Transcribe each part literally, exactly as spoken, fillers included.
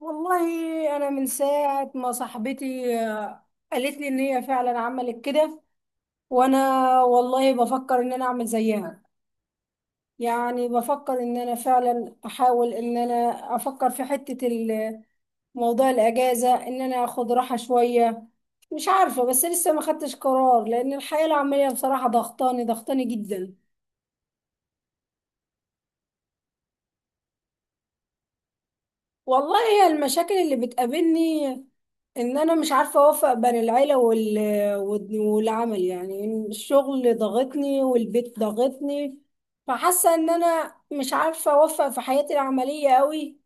والله انا من ساعه ما صاحبتي آه، قالت لي ان هي فعلا عملت كده. وانا والله بفكر ان انا اعمل زيها. يعني بفكر ان انا فعلا احاول ان انا افكر في حته ال- موضوع الاجازه، ان انا اخد راحه شويه. مش عارفه، بس لسه ما خدتش قرار لان الحياه العمليه بصراحه ضغطاني ضغطاني جدا. والله هي المشاكل اللي بتقابلني ان انا مش عارفه اوفق بين العيله وال... وال- والعمل. يعني إن الشغل ضغطني والبيت ضغطني، فحاسه ان انا مش عارفه اوفق في حياتي العمليه قوي.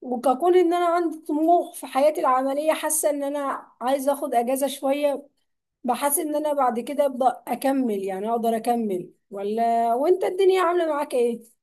وككون ان انا عندي طموح في حياتي العمليه، حاسه ان انا عايزه اخد اجازه شويه. بحس ان انا بعد كده ابدا اكمل، يعني اقدر اكمل ولا؟ وانت الدنيا عامله معاك ايه؟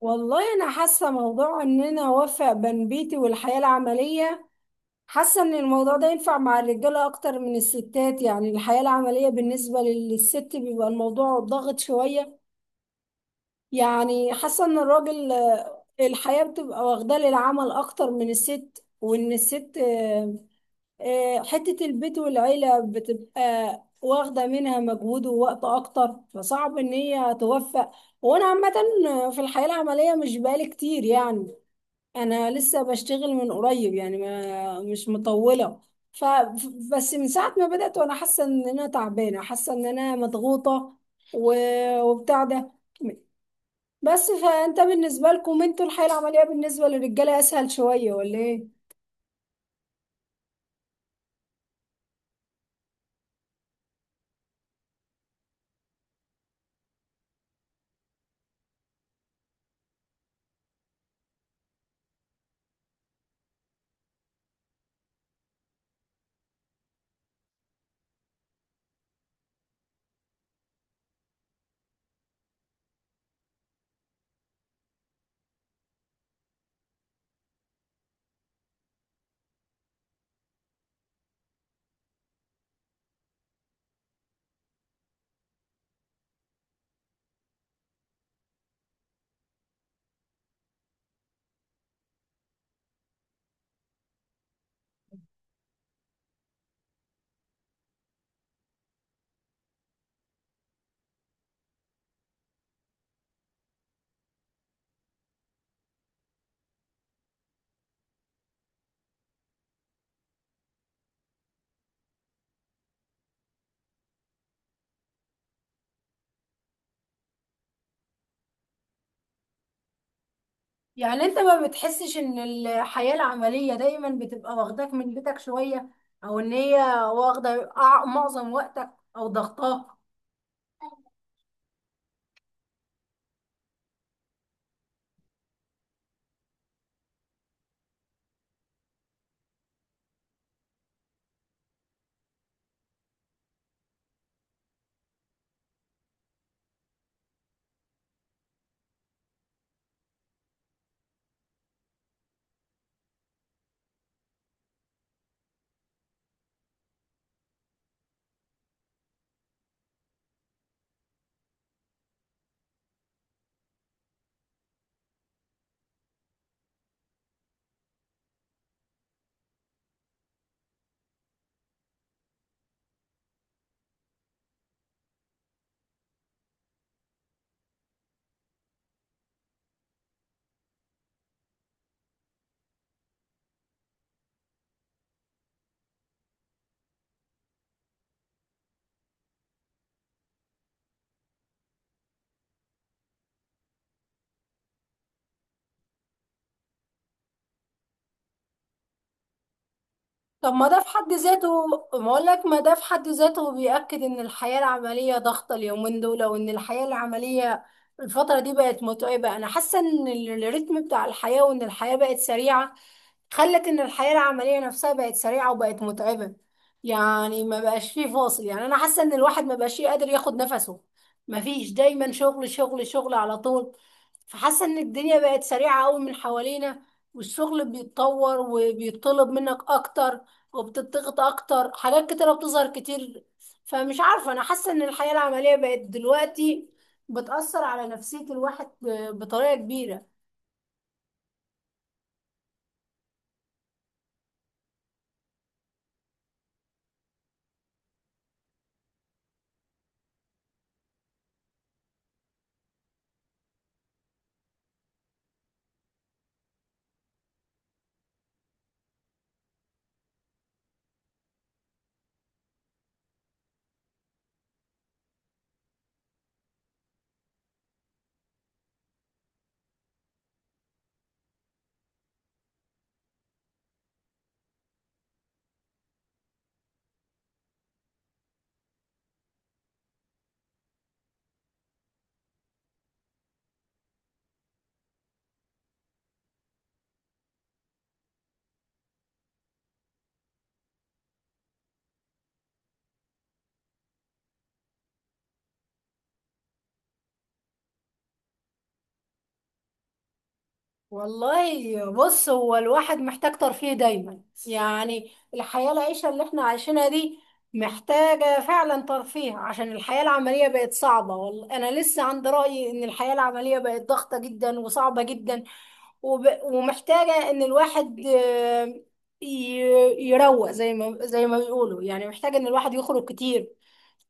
والله انا حاسه موضوع ان انا اوفق بين بيتي والحياه العمليه، حاسة ان الموضوع ده ينفع مع الرجالة اكتر من الستات. يعني الحياة العملية بالنسبة للست بيبقى الموضوع ضاغط شوية. يعني حاسة ان الراجل آه، الحياة بتبقى واخداه للعمل اكتر من الست، وان الست آه، آه، حتة البيت والعيلة بتبقى واخدة منها مجهود ووقت اكتر، فصعب ان هي توفق. وانا عامة في الحياة العملية مش بقالي كتير، يعني انا لسه بشتغل من قريب، يعني ما مش مطوله. ف بس من ساعه ما بدات وانا حاسه ان انا تعبانه، حاسه ان انا مضغوطه و... وبتاع ده. بس فانت بالنسبه لكم انتوا الحياه العمليه بالنسبه للرجاله اسهل شويه ولا ايه؟ يعني انت ما بتحسش ان الحياه العمليه دايما بتبقى واخداك من بيتك شويه، او ان هي واخده أع- معظم وقتك، او ضغطاه؟ طب ما ده في حد ذاته، ما اقول لك ما ده في حد ذاته بيأكد ان الحياة العملية ضغطة اليومين دول، وان الحياة العملية الفترة دي بقت متعبة. انا حاسة ان ال- الريتم بتاع الحياة وان الحياة بقت سريعة خلت ان الحياة العملية نفسها بقت سريعة وبقت متعبة. يعني ما بقاش فيه فاصل، يعني انا حاسة ان الواحد ما بقاش قادر ياخد نفسه، ما فيش، دايما شغل شغل شغل على طول. فحاسة ان الدنيا بقت سريعة قوي من حوالينا، والشغل بيتطور وبيطلب منك اكتر، وبتضغط اكتر، حاجات كتيرة بتظهر كتير. فمش عارفة، انا حاسة ان الحياة العملية بقت دلوقتي بتأثر على نفسية الواحد ب- بطريقة كبيرة. والله بص، هو الواحد محتاج ترفيه دايما، يعني الحياة العيشة اللي احنا عايشينها دي محتاجة فعلا ترفيه، عشان الحياة العملية بقت صعبة. والله أنا لسه عند رأيي إن الحياة العملية بقت ضغطة جدا وصعبة جدا، وب... ومحتاجة إن الواحد آه، ي- يروق زي ما زي ما بيقولوا، يعني محتاج إن الواحد يخرج كتير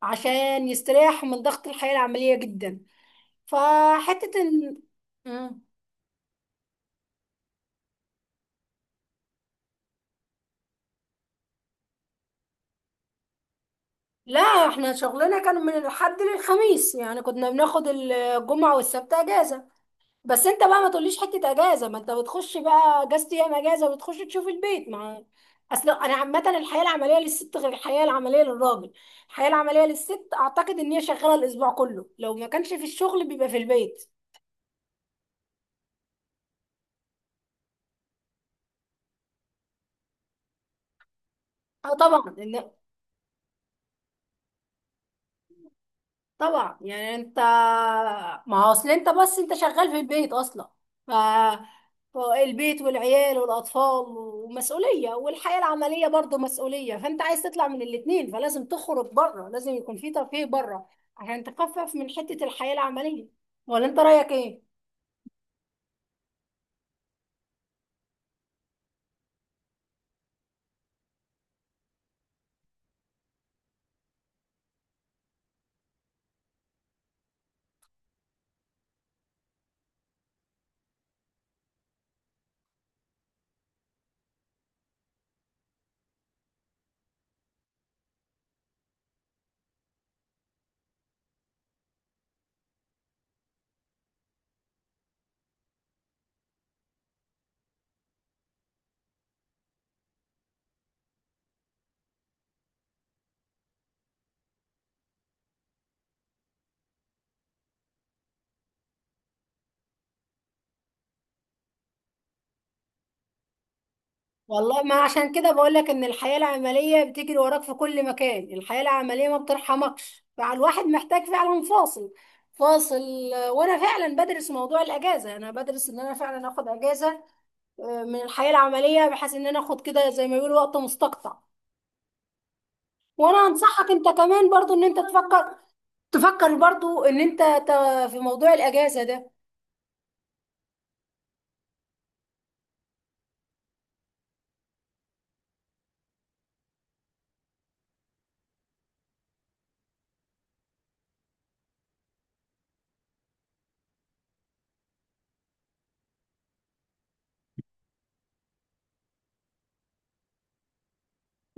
عشان يستريح من ضغط الحياة العملية جدا. فحتة إن لا، احنا شغلنا كان من الحد للخميس، يعني كنا بناخد الجمعة والسبت اجازة. بس انت بقى ما تقوليش حتة اجازة، ما انت بتخش بقى اجازة ايام اجازة وبتخش تشوف البيت، مع اصل انا عامة الحياة العملية للست غير الحياة العملية للراجل. الحياة العملية للست اعتقد ان هي شغالة الاسبوع كله، لو ما كانش في الشغل بيبقى في البيت. اه طبعا، طبعا. يعني انت، ما هو اصل انت، بس انت شغال في البيت اصلا. ف البيت والعيال والاطفال ومسؤوليه، والحياه العمليه برضو مسؤوليه، فانت عايز تطلع من الاتنين، فلازم تخرج بره، لازم يكون في ترفيه بره عشان تخفف من حته الحياه العمليه، ولا انت رايك ايه؟ والله ما عشان كده بقول لك ان الحياة العملية بتجري وراك في كل مكان، الحياة العملية ما بترحمكش، فالواحد محتاج فعلا فاصل، فاصل. وانا فعلا بدرس موضوع الاجازة، انا بدرس ان انا فعلا اخد اجازة آه، من الحياة العملية، بحيث ان انا اخد كده زي ما بيقولوا وقت مستقطع. وانا انصحك انت كمان برضو ان انت تفكر تفكر برضو ان انت ت- في موضوع الاجازة ده.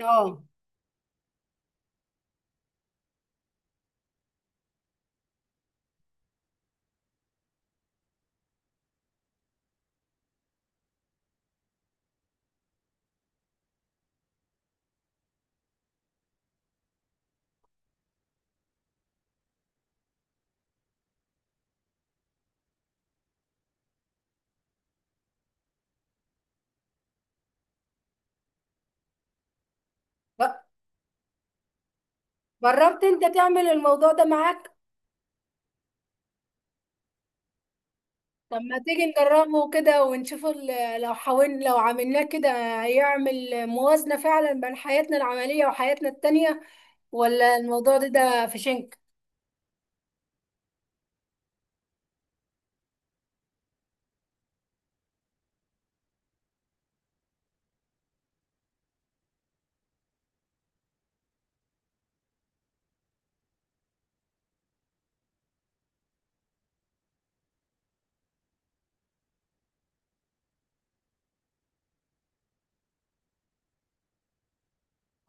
اه، ب- جربت انت تعمل الموضوع ده معاك؟ طب ما تيجي نجربه كده ونشوف ال- لو حاولنا لو عملناه كده يعمل موازنة فعلا بين حياتنا العملية وحياتنا التانية، ولا الموضوع ده ده في شنك؟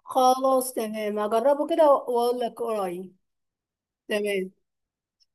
خلاص، تمام، هجربه كده واقول لك قريب. تمام.